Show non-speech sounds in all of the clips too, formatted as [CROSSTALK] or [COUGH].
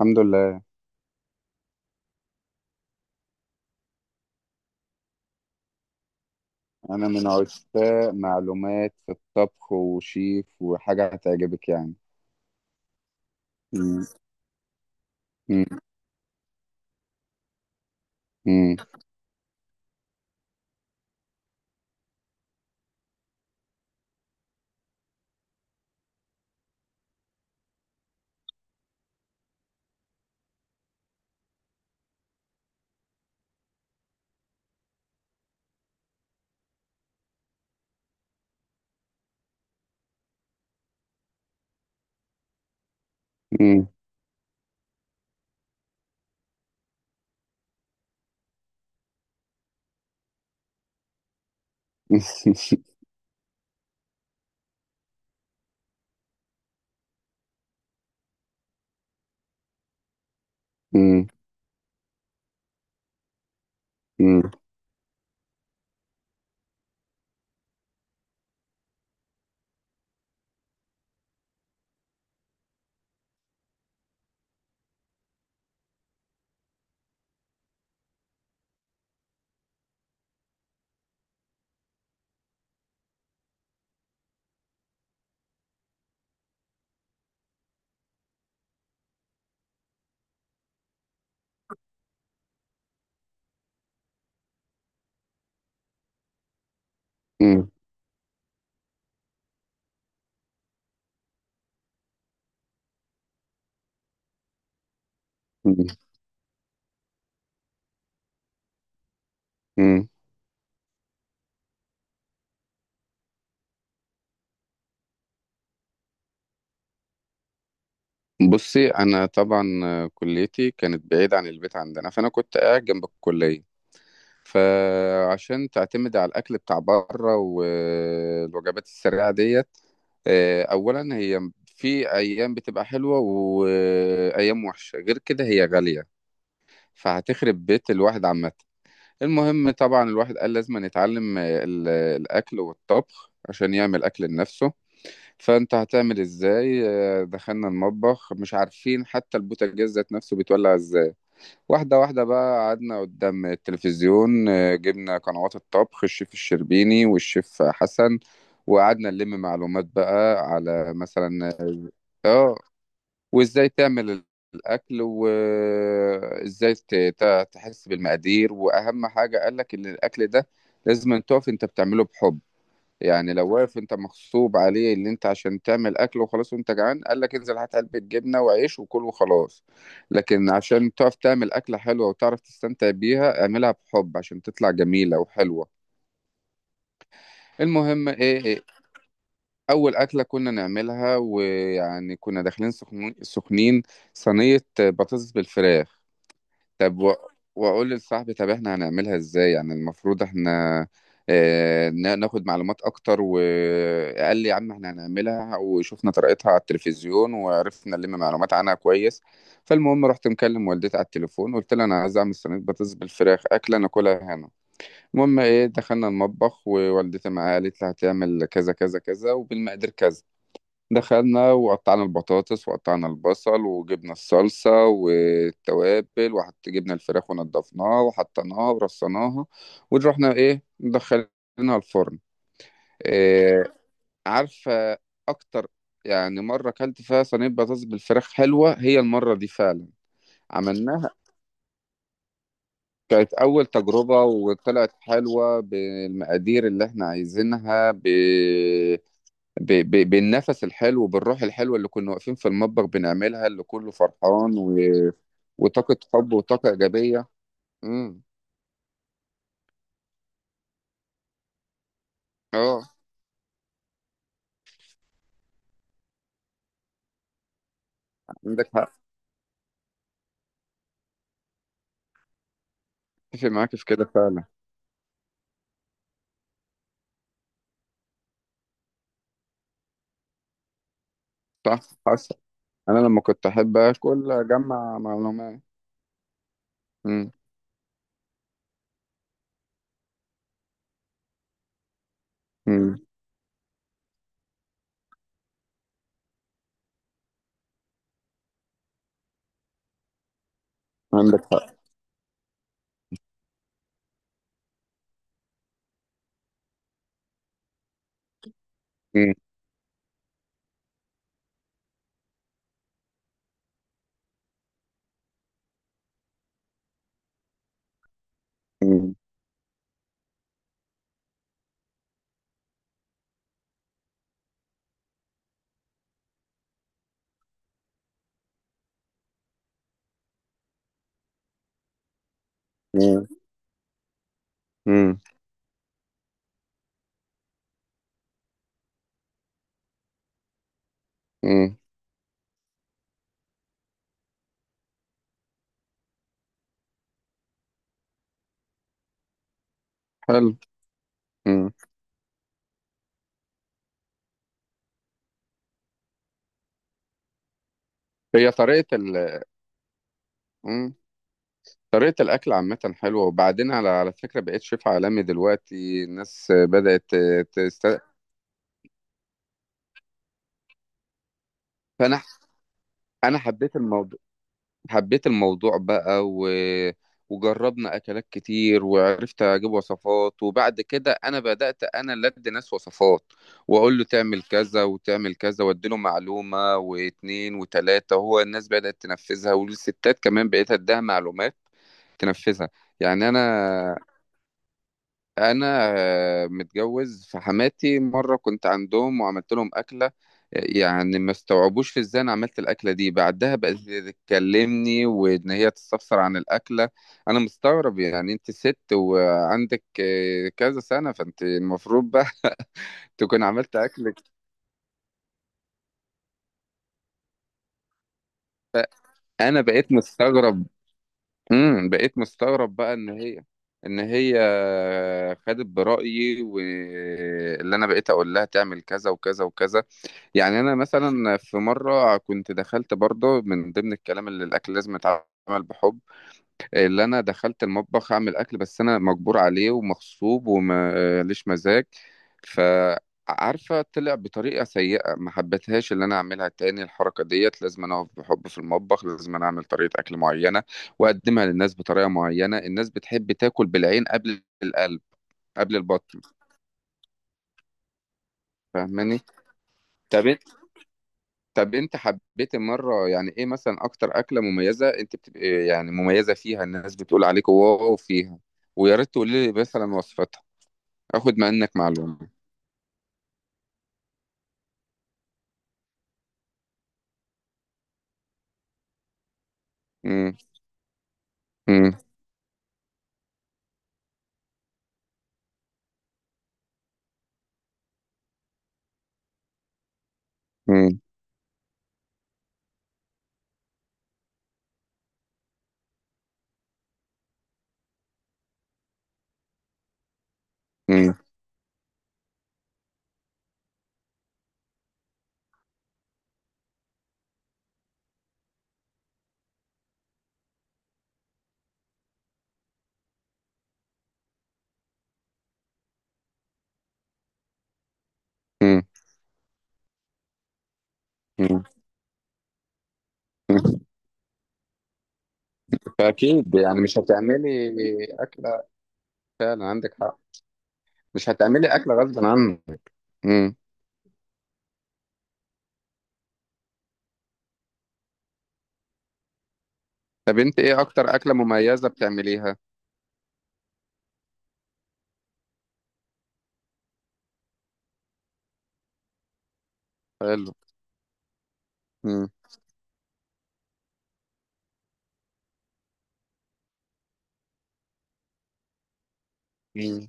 الحمد لله. أنا من عشاق معلومات في الطبخ وشيف وحاجة هتعجبك يعني. [LAUGHS] مم. مم. مم. مم. [LAUGHS] مم. مم. مم. مم. بصي، أنا طبعا كليتي كانت بعيدة عن البيت عندنا، فأنا كنت قاعد جنب الكلية. فعشان تعتمد على الأكل بتاع بره والوجبات السريعة ديت، أولا هي في أيام بتبقى حلوة وأيام وحشة، غير كده هي غالية، فهتخرب بيت الواحد عامة. المهم طبعا الواحد قال لازم يتعلم الأكل والطبخ عشان يعمل أكل لنفسه. فأنت هتعمل إزاي؟ دخلنا المطبخ مش عارفين حتى البوتاجاز ذات نفسه بيتولع إزاي. واحدة واحدة بقى قعدنا قدام التلفزيون، جبنا قنوات الطبخ الشيف الشربيني والشيف حسن، وقعدنا نلم معلومات بقى على مثلا. اه. وازاي تعمل الاكل، وازاي تحس بالمقادير، واهم حاجه قال لك ان الاكل ده لازم أن تقف انت بتعمله بحب. يعني لو واقف انت مغصوب عليه، اللي انت عشان تعمل اكل وخلاص وانت جعان، قال لك انزل هات علبه جبنه وعيش وكل وخلاص. لكن عشان تقف تعمل اكله حلوه وتعرف تستمتع بيها، اعملها بحب عشان تطلع جميله وحلوه. المهم إيه، اول اكله كنا نعملها، ويعني كنا داخلين سخنين، صينيه بطاطس بالفراخ. طب و... واقول لصاحبي، طب احنا هنعملها ازاي، يعني المفروض احنا ناخد معلومات اكتر. وقال لي يا عم احنا هنعملها، وشفنا طريقتها على التلفزيون وعرفنا نلم معلومات عنها كويس. فالمهم رحت مكلم والدتي على التليفون، قلت لها انا عايز اعمل صينيه بطاطس بالفراخ، اكله ناكلها هنا. المهم ايه، دخلنا المطبخ، ووالدتي معايا قالت لها هتعمل كذا كذا كذا وبالمقادير كذا. دخلنا وقطعنا البطاطس وقطعنا البصل وجبنا الصلصة والتوابل، وحط جبنا الفراخ ونضفناها وحطيناها ورصناها، ورحنا ايه، دخلناها الفرن. إيه، عارفة؟ اكتر يعني مرة اكلت فيها صينية بطاطس بالفراخ حلوة هي المرة دي فعلا. عملناها، كانت أول تجربة وطلعت حلوة بالمقادير اللي احنا عايزينها، بالنفس الحلو، بالروح الحلوة اللي كنا واقفين في المطبخ بنعملها، اللي كله فرحان وطاقة حب وطاقة إيجابية. امم. اه، عندك حق. اتفق معاك في كده فعلا. صح. حصل. أنا لما كنت أحب آكل أجمع معلومات. امم. امم. عندك حق. امم. امم. امم. امم. امم. حلو. امم. هي طريقة ال امم طريقة الأكل عامة حلوة، وبعدين على فكرة بقيت شيف عالمي دلوقتي، الناس بدأت تست... فأنا انا حبيت الموضوع. حبيت الموضوع بقى، وجربنا اكلات كتير وعرفت اجيب وصفات. وبعد كده انا بدات انا اللي ادي ناس وصفات، واقول له تعمل كذا وتعمل كذا، واديله معلومه واتنين وتلاته، هو الناس بدات تنفذها، والستات كمان بقيت اديها معلومات تنفذها. يعني انا متجوز، فحماتي مره كنت عندهم وعملت لهم اكله، يعني ما استوعبوش في ازاي انا عملت الاكله دي. بعدها بقت تكلمني وان هي تستفسر عن الاكله. انا مستغرب، يعني انت ست وعندك كذا سنه، فانت المفروض بقى [LAUGHS] تكون عملت اكلك. انا بقيت مستغرب. بقيت مستغرب بقى ان هي خدت برأيي، واللي انا بقيت اقول لها تعمل كذا وكذا وكذا. يعني انا مثلا في مره كنت دخلت برضه من ضمن الكلام اللي الاكل لازم يتعمل بحب، اللي انا دخلت المطبخ اعمل اكل بس انا مجبور عليه ومغصوب ومليش مزاج. فعارفه طلع بطريقه سيئه، ما حبيتهاش اللي انا اعملها تاني. الحركه ديت، لازم انا اقف بحب في المطبخ، لازم انا اعمل طريقه اكل معينه، واقدمها للناس بطريقه معينه. الناس بتحب تاكل بالعين قبل القلب قبل البطن. فاهماني؟ طب. طب انت حبيت مرة، يعني ايه مثلا اكتر اكلة مميزة انت بتبقى يعني مميزة فيها، الناس بتقول عليك واو فيها؟ ويا ريت تقول لي مثلا وصفتها، اخد منك معلومة. مم. مم. مم. مم. مم. مم. فاكيد يعني مش هتعملي اكلة. فعلا عندك حق، مش هتعملي اكلة غصب عنك. مم. طب انت ايه اكتر اكلة مميزة بتعمليها؟ حلو. مم. مم.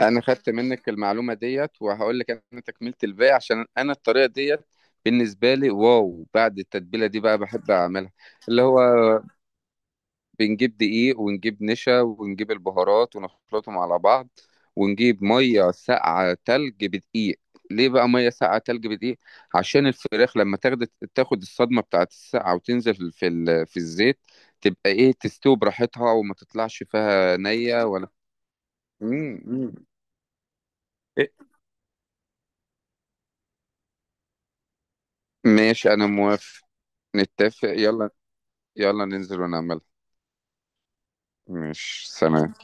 انا خدت منك المعلومه ديت، وهقول لك انا تكملت الباقي، عشان انا الطريقه ديت بالنسبه لي واو. بعد التتبيله دي بقى بحب اعملها، اللي هو بنجيب دقيق ونجيب نشا ونجيب البهارات ونخلطهم على بعض، ونجيب ميه ساقعه تلج بدقيق. ليه بقى ميه ساقعه تلج بدقيق؟ عشان الفراخ لما تاخد الصدمه بتاعت الساقعه، وتنزل في في الزيت، تبقى ايه، تستوي براحتها وما تطلعش فيها نيه ولا. مم، مم. إيه، ماشي انا موافق. نتفق، يلا. يلا ننزل ونعملها. مش سلام.